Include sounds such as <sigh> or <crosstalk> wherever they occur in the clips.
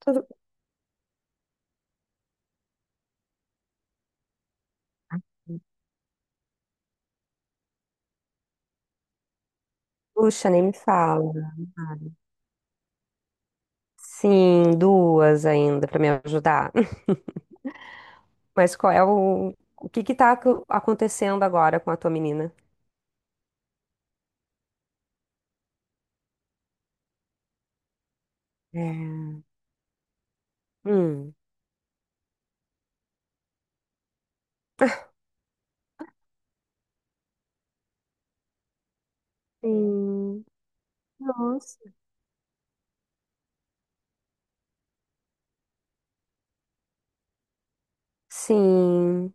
Tudo... bem. Puxa, nem me fala. Sim, duas ainda pra me ajudar. <laughs> Mas qual é O que que tá acontecendo agora com a tua menina? É. Hum. Sim. Nossa. Sim,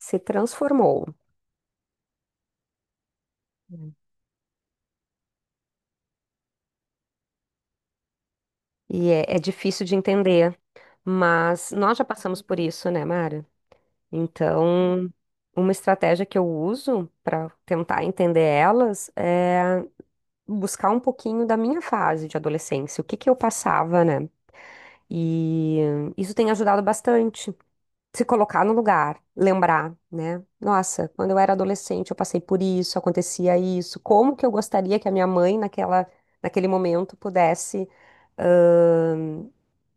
se transformou. É difícil de entender, mas nós já passamos por isso, né, Mara? Então, uma estratégia que eu uso para tentar entender elas é buscar um pouquinho da minha fase de adolescência, o que que eu passava, né? E isso tem ajudado bastante. Se colocar no lugar, lembrar, né? Nossa, quando eu era adolescente, eu passei por isso, acontecia isso. Como que eu gostaria que a minha mãe, naquele momento, pudesse, ahn,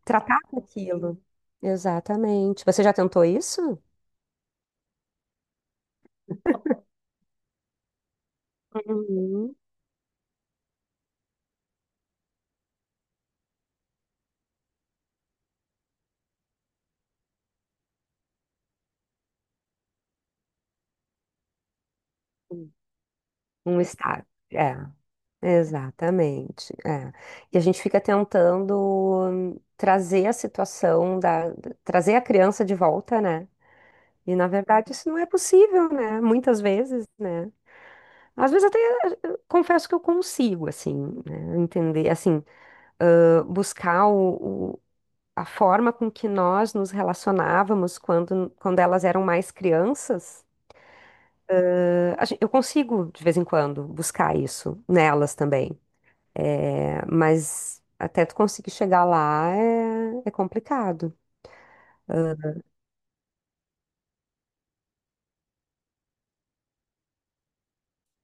tratar com aquilo? Exatamente. Você já tentou isso? Uhum. Um estágio. Exatamente. É. E a gente fica tentando trazer a trazer a criança de volta, né? E na verdade isso não é possível, né? Muitas vezes, né? Às vezes até confesso que eu consigo, assim, né? Entender, assim, buscar a forma com que nós nos relacionávamos quando elas eram mais crianças. Eu consigo, de vez em quando, buscar isso nelas também. É, mas até tu conseguir chegar lá é complicado.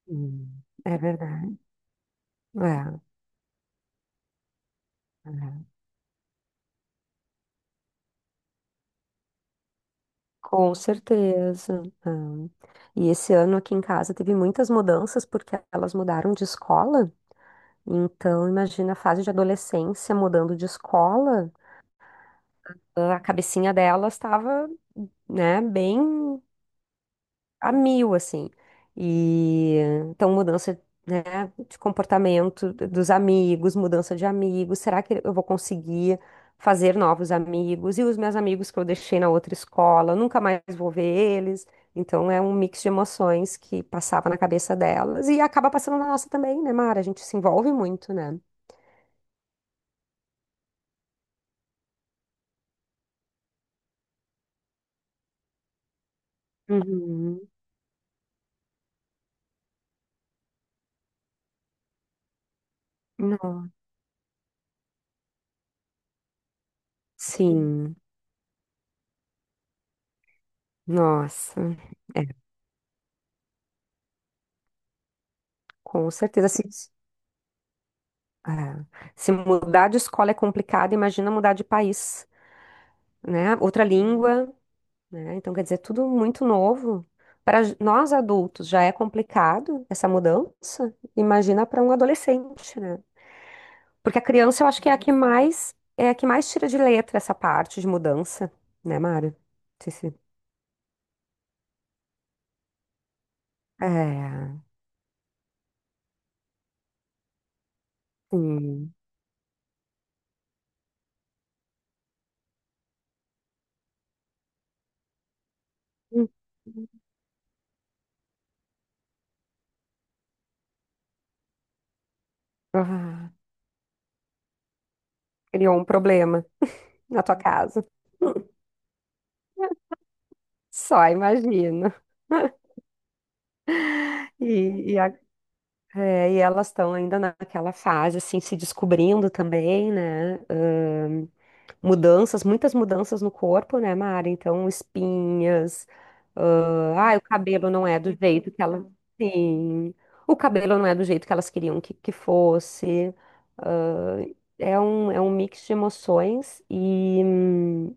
Hum. É verdade. É, é. Com certeza. É. E esse ano aqui em casa teve muitas mudanças porque elas mudaram de escola. Então, imagina a fase de adolescência mudando de escola, a cabecinha delas estava, né, bem. A mil, assim. E então, mudança, né, de comportamento dos amigos, mudança de amigos. Será que eu vou conseguir fazer novos amigos? E os meus amigos que eu deixei na outra escola, nunca mais vou ver eles. Então, é um mix de emoções que passava na cabeça delas e acaba passando na nossa também, né, Mara? A gente se envolve muito, né? Uhum. Nossa. Sim, nossa. É, com certeza. Assim, é. Se mudar de escola é complicado, imagina mudar de país, né? Outra língua, né? Então, quer dizer, tudo muito novo. Para nós adultos já é complicado essa mudança, imagina para um adolescente, né? Porque a criança eu acho que é a que mais tira de letra essa parte de mudança, né, Mário? Não sei. É, sim. Hum. Ah, criou um problema na tua casa. Só imagino. <laughs> E, e É, e elas estão ainda naquela fase, assim, se descobrindo também, né? Mudanças, muitas mudanças no corpo, né, Mara? Então, espinhas. O cabelo não é do jeito que ela. Sim, o cabelo não é do jeito que elas queriam que fosse. Ah, é um mix de emoções e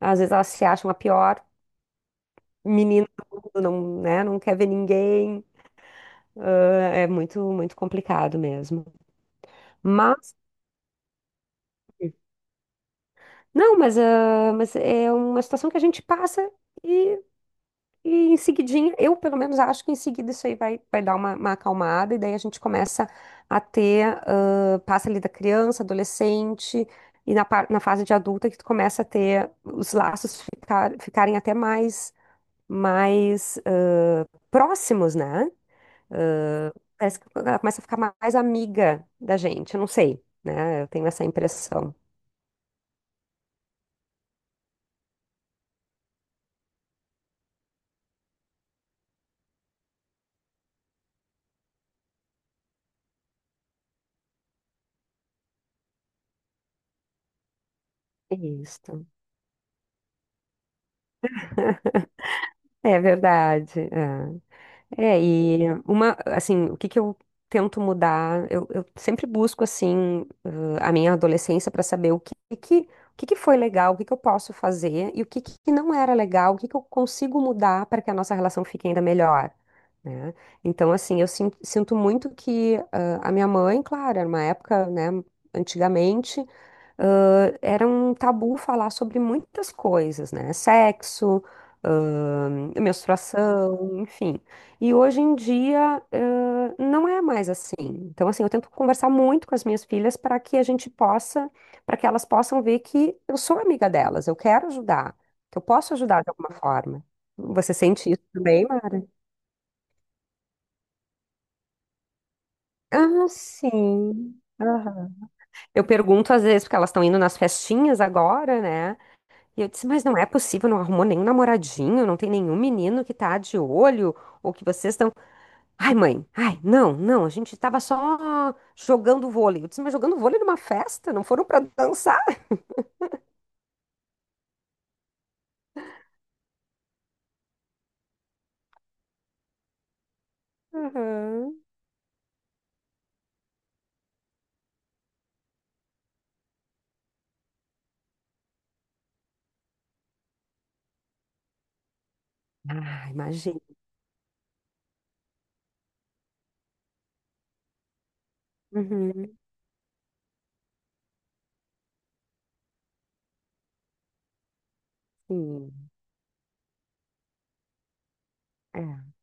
às vezes elas se acham a pior menina do mundo, não, né? Não quer ver ninguém. É muito, muito complicado mesmo. Mas. Não, mas, ah, mas é uma situação que a gente passa e, e em seguidinha, eu pelo menos acho que em seguida isso aí vai dar uma acalmada e daí a gente começa a ter, passa ali da criança, adolescente e na fase de adulta que tu começa a ter os laços ficarem até mais, mais próximos, né? Ah, parece que ela começa a ficar mais amiga da gente, eu não sei, né? Eu tenho essa impressão. Isso. É verdade. É. É, e uma, assim, o que que eu tento mudar? Eu sempre busco, assim, a minha adolescência para saber o que que foi legal, o que que eu posso fazer e o que que não era legal, o que que eu consigo mudar para que a nossa relação fique ainda melhor, né? Então, assim, eu sinto muito que a minha mãe, claro, era uma época, né, antigamente, era um tabu falar sobre muitas coisas, né? Sexo, menstruação, enfim. E hoje em dia, não é mais assim. Então, assim, eu tento conversar muito com as minhas filhas para que a gente possa, para que elas possam ver que eu sou amiga delas, eu quero ajudar, que eu posso ajudar de alguma forma. Você sente isso também, Mara? Ah, sim. Aham. Eu pergunto às vezes, porque elas estão indo nas festinhas agora, né? E eu disse, mas não é possível, não arrumou nenhum namoradinho, não tem nenhum menino que tá de olho, ou que vocês estão. Ai, mãe, ai, não, não, a gente tava só jogando vôlei. Eu disse, mas jogando vôlei numa festa? Não foram pra dançar? Uhum. Ah, imagina. Uhum, sim, é,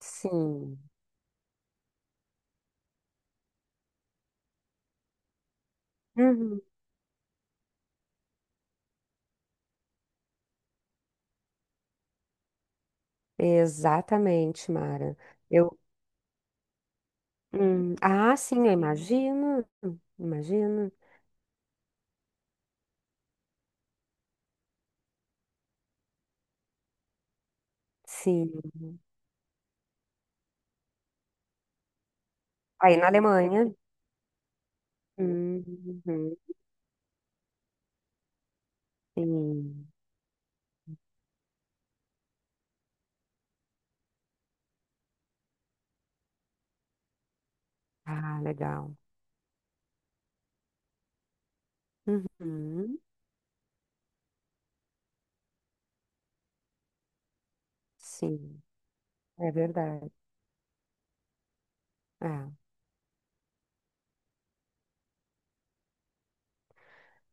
sim. Uhum. Exatamente, Mara. Eu, ah, sim, eu imagino, imagino, sim. Aí na Alemanha, uhum, sim. Ah, legal. Uhum, sim, é verdade. É,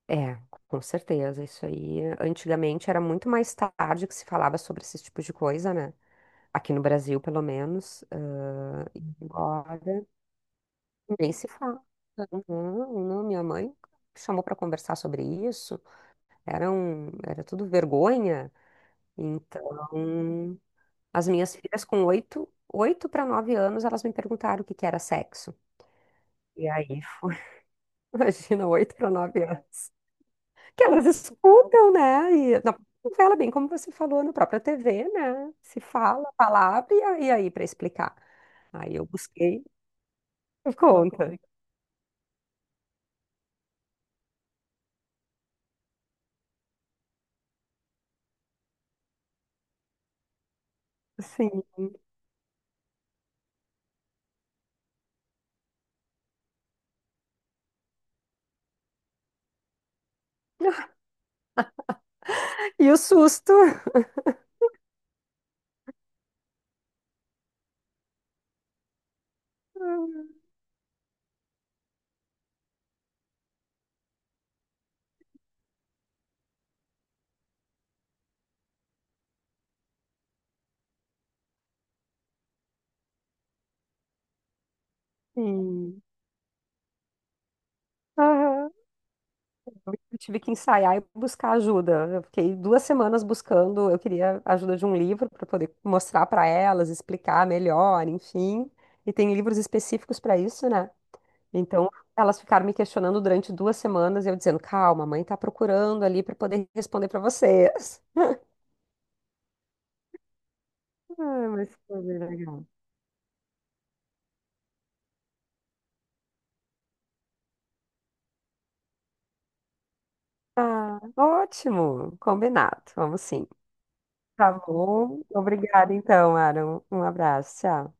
é, com certeza. Isso aí, antigamente era muito mais tarde que se falava sobre esses tipos de coisa, né? Aqui no Brasil, pelo menos. Ah, agora, nem se fala. Não, não, minha mãe chamou para conversar sobre isso. Era tudo vergonha. Então, as minhas filhas com oito, oito para nove anos, elas me perguntaram o que que era sexo. E aí foi, <laughs> imagina, oito para nove anos. Que elas escutam, né? E na novela, bem como você falou, na própria TV, né? Se fala a palavra e e aí para explicar. Aí eu busquei por conta, sim. E o susto. <laughs> Sim. Aham. Eu tive que ensaiar e buscar ajuda. Eu fiquei duas semanas buscando. Eu queria a ajuda de um livro para poder mostrar para elas, explicar melhor, enfim. E tem livros específicos para isso, né? Então, elas ficaram me questionando durante duas semanas, e eu dizendo, calma, a mãe tá procurando ali para poder responder para vocês. <laughs> Ah, mas foi bem legal. Ah, ótimo, combinado, vamos sim. Tá bom. Obrigada, então, Aaron. Um abraço. Tchau.